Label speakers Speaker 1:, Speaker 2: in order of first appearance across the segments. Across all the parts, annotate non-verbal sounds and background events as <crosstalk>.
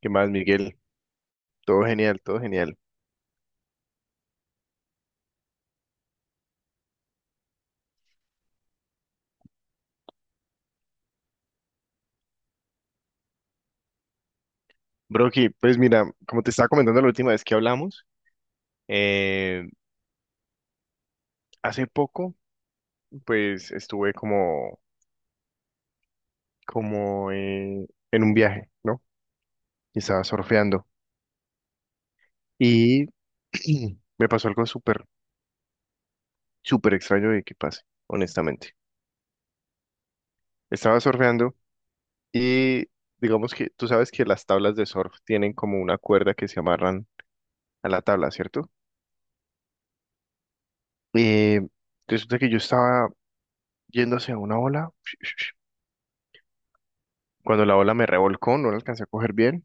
Speaker 1: ¿Qué más, Miguel? Todo genial, todo genial. Broki, pues mira, como te estaba comentando la última vez que hablamos, eh, hace poco, pues estuve como, como en un viaje, ¿no? Y estaba surfeando. Y <clears throat> me pasó algo súper, súper extraño de que pase, honestamente. Estaba surfeando y digamos que tú sabes que las tablas de surf tienen como una cuerda que se amarran a la tabla, ¿cierto? Eh, resulta que yo estaba yendo hacia una ola <sniffs> Cuando la ola me revolcó, no la alcancé a coger bien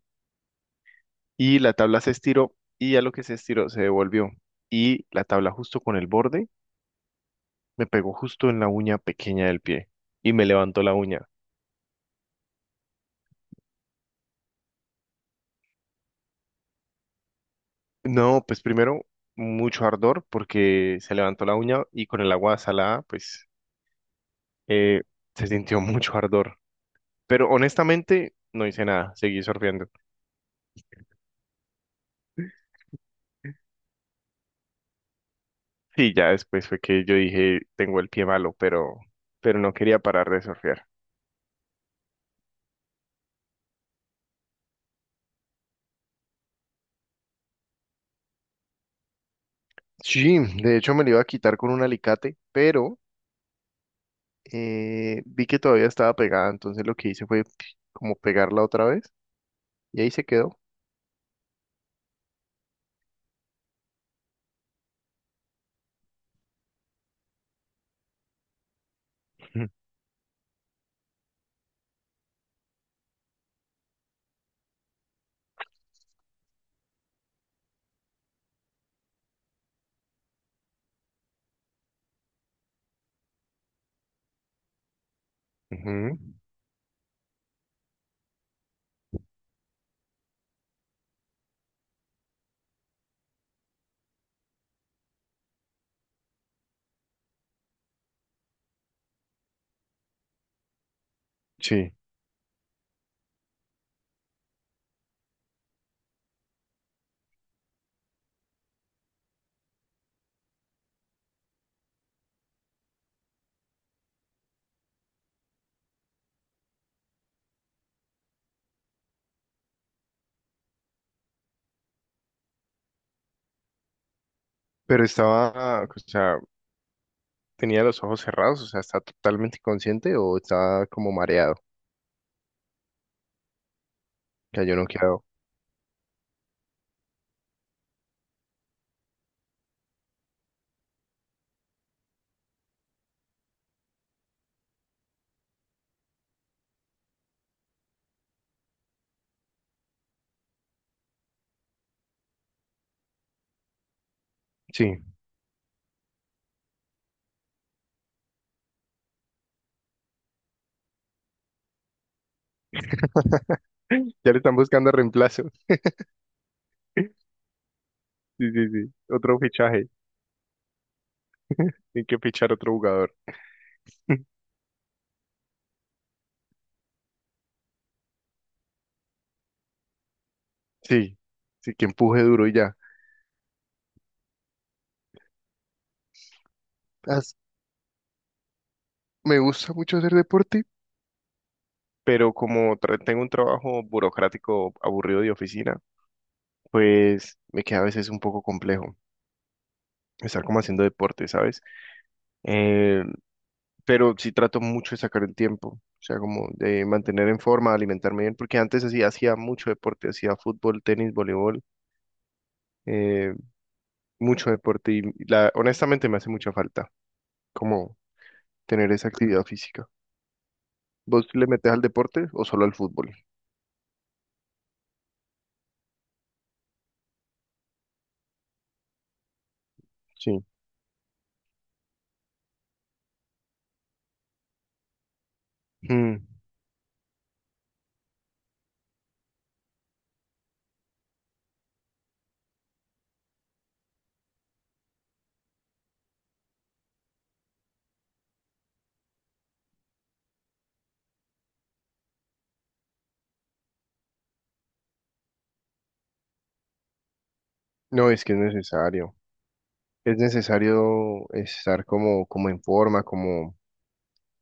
Speaker 1: y la tabla se estiró y a lo que se estiró se devolvió y la tabla justo con el borde me pegó justo en la uña pequeña del pie y me levantó la uña. No, pues primero mucho ardor porque se levantó la uña y con el agua salada pues, eh, se sintió <laughs> mucho ardor. Pero honestamente no hice nada, seguí surfeando. Sí, ya después fue que yo dije, tengo el pie malo, pero no quería parar de surfear. Sí, de hecho me lo iba a quitar con un alicate, pero vi que todavía estaba pegada, entonces lo que hice fue como pegarla otra vez y ahí se quedó. Ujú. Ujú. Sí, pero estaba, o sea, tenía los ojos cerrados, o sea, ¿está totalmente consciente o está como mareado, que yo no quedo? Sí, <laughs> ya le están buscando reemplazo. <laughs> Sí, sí, sí, otro fichaje, <laughs> hay que fichar otro jugador. Sí, sí, que empuje duro y ya. As- Me gusta mucho hacer deporte. Pero como tengo un trabajo burocrático aburrido de oficina, pues me queda a veces un poco complejo estar como haciendo deporte, ¿sabes? Eh, pero sí trato mucho de sacar el tiempo, o sea, como de mantener en forma, alimentarme bien, porque antes así hacía mucho deporte, hacía fútbol, tenis, voleibol, eh, mucho deporte y la, honestamente me hace mucha falta como tener esa actividad física. ¿Vos le metes al deporte o solo al fútbol? Sí. Mm. No, es que es necesario. Es necesario estar como, como en forma, como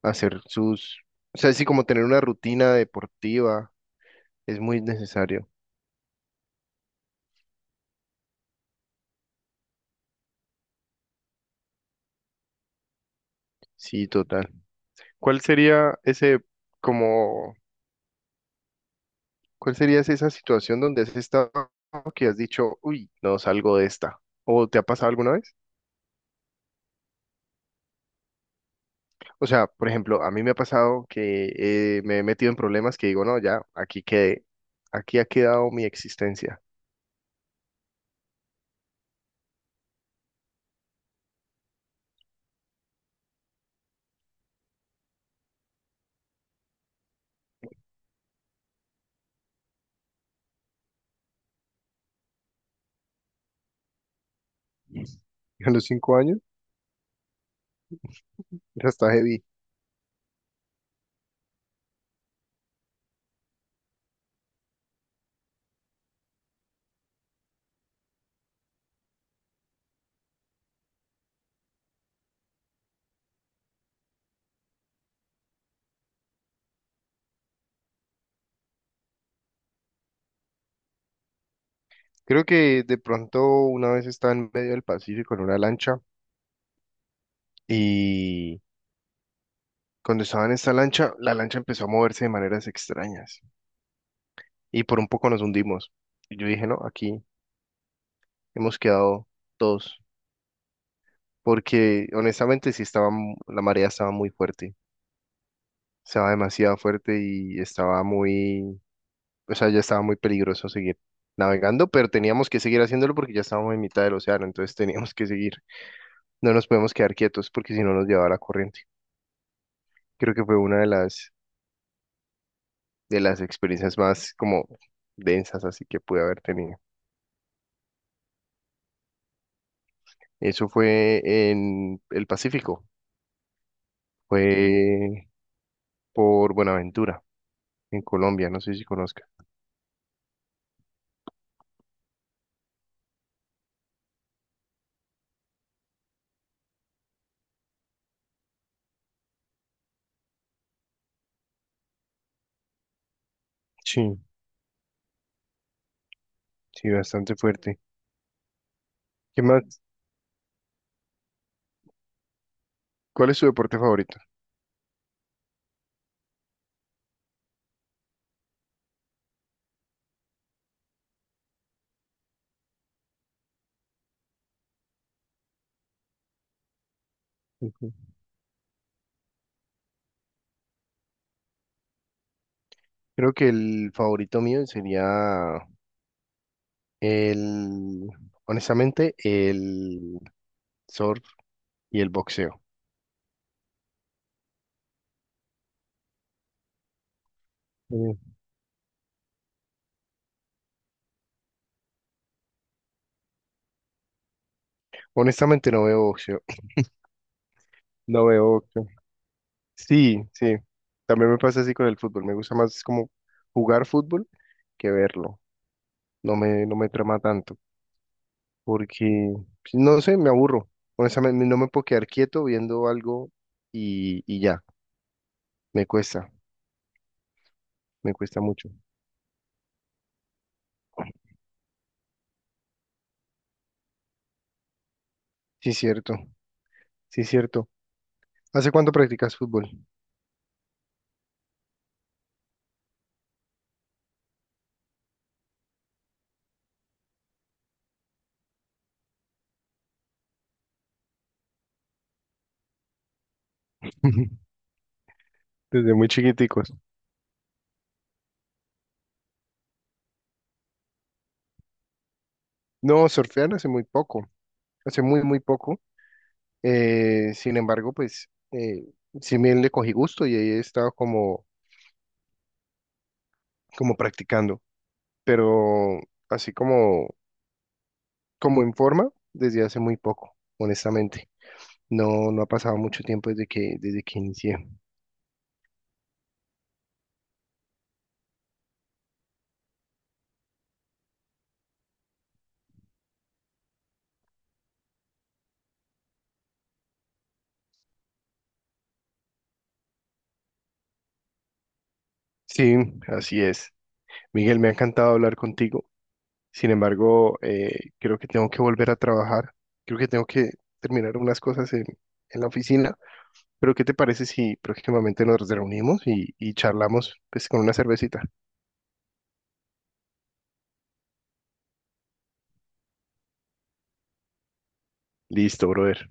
Speaker 1: hacer sus, o sea, sí, como tener una rutina deportiva, es muy necesario. Sí, total. ¿Cuál sería ese, como, cuál sería esa esa situación donde has estado que has dicho, uy, no salgo de esta? ¿O te ha pasado alguna vez? O sea, por ejemplo, a mí me ha pasado que me he metido en problemas que digo, no, ya, aquí quedé, aquí ha quedado mi existencia. <laughs> ¿A los 5 años? Ya está heavy. Creo que de pronto una vez estaba en medio del Pacífico en una lancha y cuando estaba en esta lancha, la lancha empezó a moverse de maneras extrañas y por un poco nos hundimos. Y yo dije, no, aquí hemos quedado todos, porque honestamente sí estaba, la marea estaba muy fuerte, estaba demasiado fuerte y estaba muy, o sea, ya estaba muy peligroso seguir navegando, pero teníamos que seguir haciéndolo porque ya estábamos en mitad del océano, entonces teníamos que seguir, no nos podemos quedar quietos porque si no nos llevaba la corriente. Creo que fue una de las experiencias más como densas así que pude haber tenido. Eso fue en el Pacífico, fue por Buenaventura, en Colombia, no sé si conozca. Sí, sí, bastante fuerte. ¿Qué más? ¿Cuál es su deporte favorito? Ujú. Creo que el favorito mío sería el, honestamente, el surf y el boxeo. Mm. Honestamente no veo boxeo. No veo boxeo. Sí, sí. También me pasa así con el fútbol. Me gusta más como jugar fútbol que verlo. No me, no me trama tanto. Porque, pues, no sé, me aburro. Honestamente, no me puedo quedar quieto viendo algo y ya. Me cuesta, me cuesta mucho. Sí, cierto, sí, cierto. ¿Hace cuánto practicas fútbol? <laughs> Desde muy chiquiticos. No, surfear hace muy poco. Hace muy, muy poco. Sin embargo, pues, sí me le cogí gusto y ahí he estado como, como practicando. Pero así como, como en forma, desde hace muy poco, honestamente. No, no ha pasado mucho tiempo desde que inicié. Sí, así es. Miguel, me ha encantado hablar contigo. Sin embargo, creo que tengo que volver a trabajar. Creo que tengo que terminar unas cosas en la oficina. Pero, ¿qué te parece si próximamente nos reunimos y charlamos pues, con una cervecita? Listo, brother.